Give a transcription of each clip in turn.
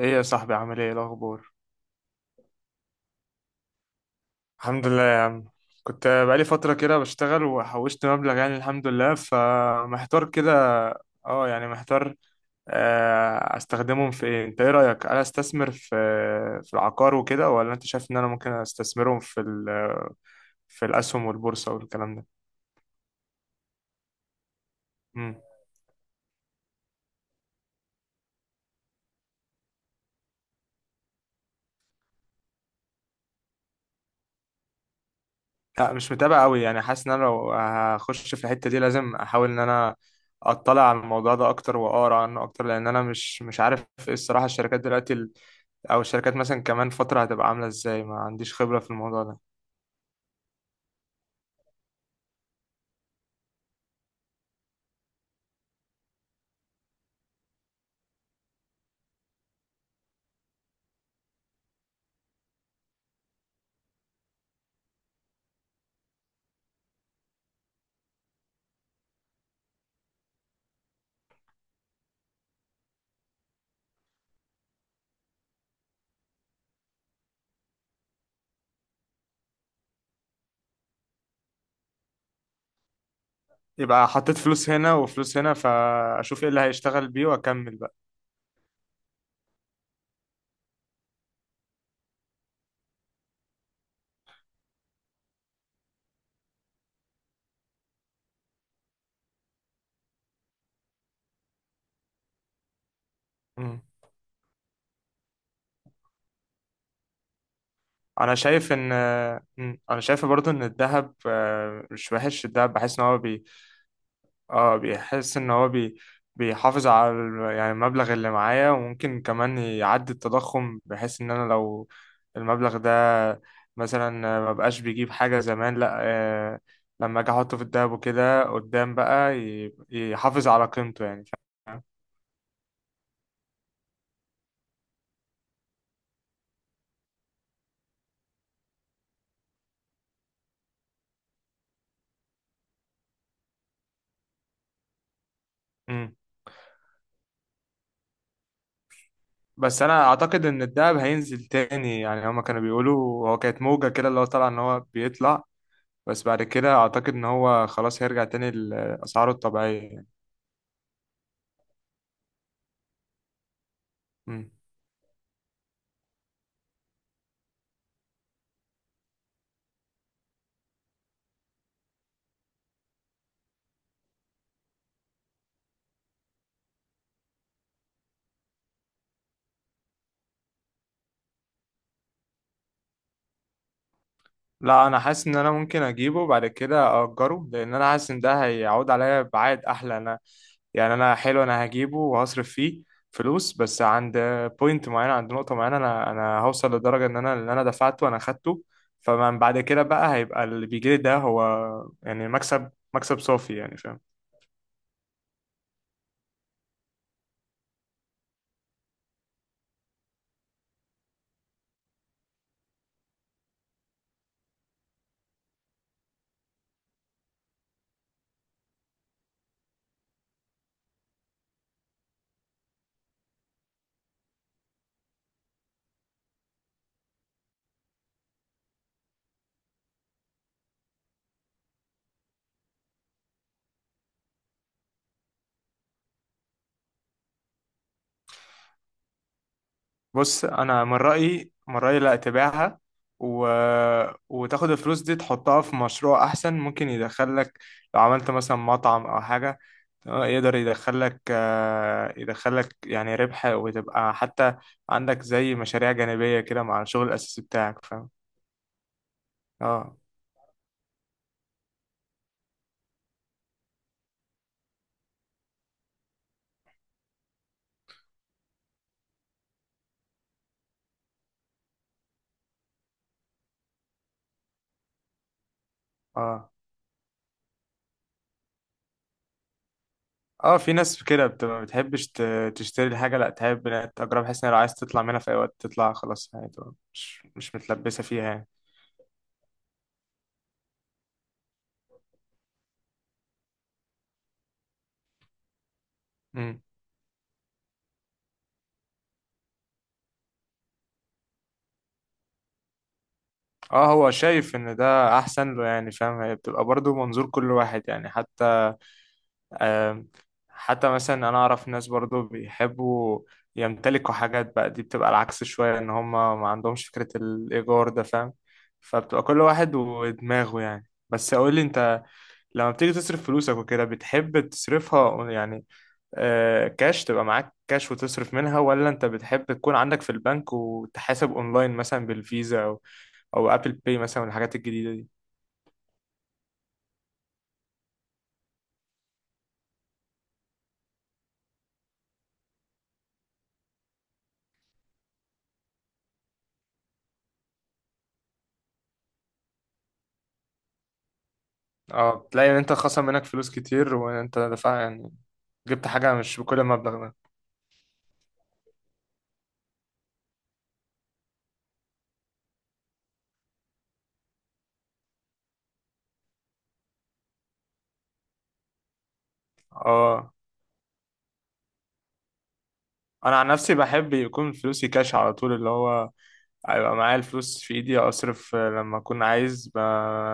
ايه يا صاحبي، عامل ايه الاخبار؟ الحمد لله يا عم. كنت بقالي فتره كده بشتغل وحوشت مبلغ، يعني الحمد لله، فمحتار كده. اه، يعني محتار. استخدمهم في ايه؟ انت ايه رايك؟ انا استثمر في العقار وكده، ولا انت شايف ان انا ممكن استثمرهم في في الاسهم والبورصه والكلام ده؟ امم. لا، مش متابع قوي، يعني حاسس ان انا لو هخش في الحته دي لازم احاول ان انا اطلع على الموضوع ده اكتر واقرا عنه اكتر، لان انا مش عارف ايه الصراحه الشركات دلوقتي، او الشركات مثلا كمان فترة هتبقى عاملة ازاي. ما عنديش خبرة في الموضوع ده. يبقى حطيت فلوس هنا وفلوس هنا، فاشوف ايه اللي هيشتغل بيه واكمل بقى. مم. انا شايف ان مم. انا شايف برضو ان الذهب، مش وحش. الذهب بحس ان هو، اه بيحس ان هو بيحافظ على يعني المبلغ اللي معايا، وممكن كمان يعدي التضخم، بحيث ان انا لو المبلغ ده مثلا ما بقاش بيجيب حاجة زمان، لا، لما اجي احطه في الدهب وكده قدام بقى يحافظ على قيمته يعني مم. بس انا اعتقد ان الدهب هينزل تاني، يعني هما كانوا بيقولوا هو كانت موجة كده اللي هو طلع ان هو بيطلع. بس بعد كده اعتقد ان هو خلاص هيرجع تاني لاسعاره الطبيعية يعني. مم. لا، انا حاسس ان انا ممكن اجيبه بعد كده اجره، لان انا حاسس ان ده هيعود عليا بعائد احلى. انا يعني انا حلو، انا هجيبه وهصرف فيه فلوس، بس عند بوينت معينه، عند نقطه معينه، انا هوصل لدرجه ان انا اللي انا دفعته انا خدته. فمن بعد كده بقى هيبقى اللي بيجيلي ده هو يعني مكسب، مكسب صافي يعني، فاهم؟ بص انا من رايي لا تبيعها، و... وتاخد الفلوس دي تحطها في مشروع احسن ممكن يدخلك. لو عملت مثلا مطعم او حاجه، يقدر يدخلك، يعني ربح، وتبقى حتى عندك زي مشاريع جانبيه كده مع الشغل الاساسي بتاعك، فاهم؟ اه. اه. اه، في ناس كده بتبقى ما بتحبش تشتري الحاجه، لا تحب انها تجرب، بحيث ان لو عايز تطلع منها في اي وقت تطلع خلاص، يعني تبقى مش متلبسه فيها. يعني اه، هو شايف ان ده احسن له يعني، فاهم؟ هي بتبقى برضو منظور كل واحد يعني. حتى آم، حتى مثلا انا اعرف ناس برضو بيحبوا يمتلكوا حاجات بقى. دي بتبقى العكس شوية ان هم ما عندهمش فكرة الايجار ده، فاهم؟ فبتبقى كل واحد ودماغه يعني. بس اقول لي انت، لما بتيجي تصرف فلوسك وكده بتحب تصرفها يعني، كاش، تبقى معاك كاش وتصرف منها؟ ولا انت بتحب تكون عندك في البنك وتحاسب اونلاين مثلا بالفيزا، او ابل باي مثلا والحاجات الجديدة دي؟ اه، تلاقي ان انت خصم منك فلوس كتير وانت دفع، يعني جبت حاجة مش بكل المبلغ ده. اه. انا عن نفسي بحب يكون فلوسي كاش على طول، اللي هو هيبقى معايا الفلوس في ايدي اصرف لما اكون عايز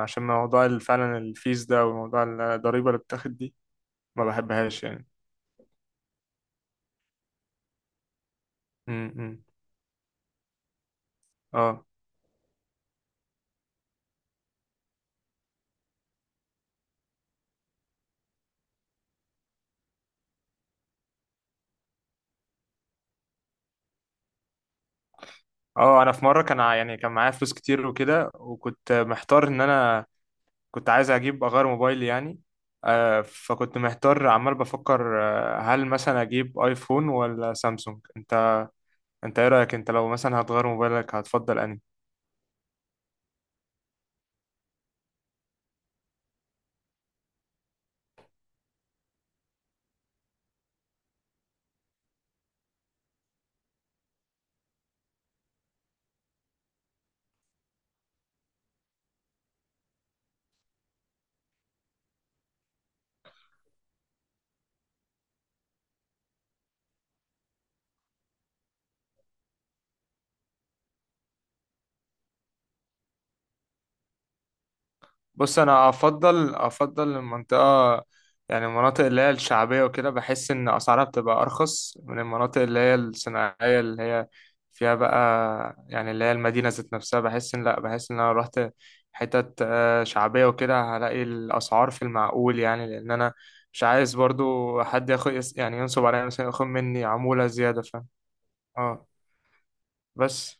عشان موضوع فعلا الفيز ده وموضوع الضريبة اللي بتاخد دي، ما بحبهاش يعني. امم. اه. اه، انا في مرة كان يعني كان معايا فلوس كتير وكده، وكنت محتار ان انا كنت عايز اغير موبايلي يعني. فكنت محتار عمال بفكر، هل مثلا اجيب ايفون ولا سامسونج. انت ايه رايك؟ انت لو مثلا هتغير موبايلك هتفضل انهي؟ بص انا افضل المنطقه، يعني المناطق اللي هي الشعبيه وكده، بحس ان اسعارها بتبقى ارخص من المناطق اللي هي الصناعيه اللي هي فيها بقى. يعني اللي هي المدينه ذات نفسها، بحس ان لا بحس ان انا لو رحت حتت شعبيه وكده هلاقي الاسعار في المعقول، يعني لان انا مش عايز برضو حد ياخد، يعني ينصب عليا، مثلا ياخد مني عموله زياده، فاهم؟ اه. بس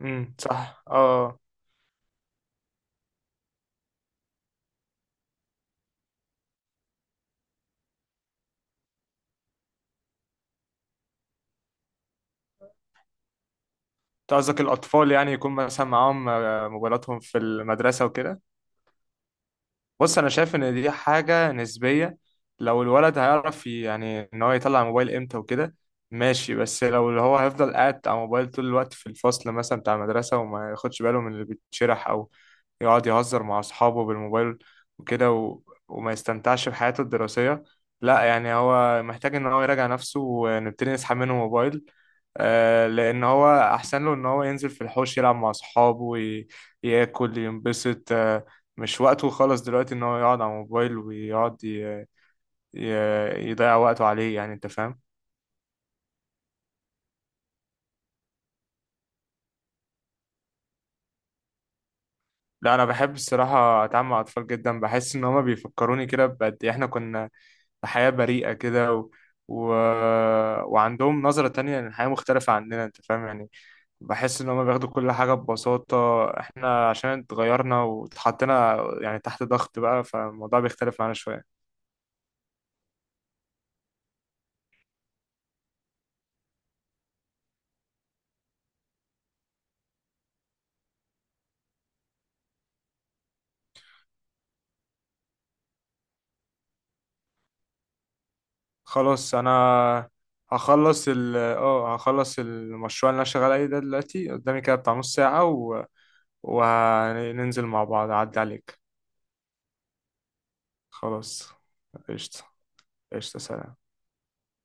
امم، صح. اه. آه. أنت قصدك الأطفال، يعني يكون مثلا معاهم موبايلاتهم في المدرسة وكده؟ بص انا شايف ان دي حاجه نسبيه. لو الولد هيعرف يعني ان هو يطلع الموبايل امتى وكده، ماشي. بس لو اللي هو هيفضل قاعد على الموبايل طول الوقت في الفصل مثلا بتاع المدرسه وما ياخدش باله من اللي بيتشرح، او يقعد يهزر مع اصحابه بالموبايل وكده وما يستمتعش بحياته الدراسيه، لا يعني هو محتاج ان هو يراجع نفسه، ونبتدي نسحب منه موبايل. لان هو احسن له ان هو ينزل في الحوش يلعب مع اصحابه ياكل، ينبسط. مش وقته خالص دلوقتي ان هو يقعد على الموبايل ويقعد ي... يضيع وقته عليه، يعني انت فاهم. لا انا بحب الصراحه اتعامل مع الاطفال جدا، بحس ان هما بيفكروني كده بقد إيه احنا كنا في حياه بريئه كده، و... وعندهم نظره تانية للحياه مختلفه عننا، انت فاهم يعني. بحس ان هما بياخدوا كل حاجه ببساطه، احنا عشان اتغيرنا واتحطينا يعني تحت ضغط بقى، فالموضوع بيختلف معانا شويه. خلاص انا هخلص ال اه هخلص المشروع اللي انا شغال عليه ده دلوقتي قدامي كده، بتاع نص ساعة، وهننزل مع بعض اعدي عليك. خلاص. قشطة. قشطة، سلام.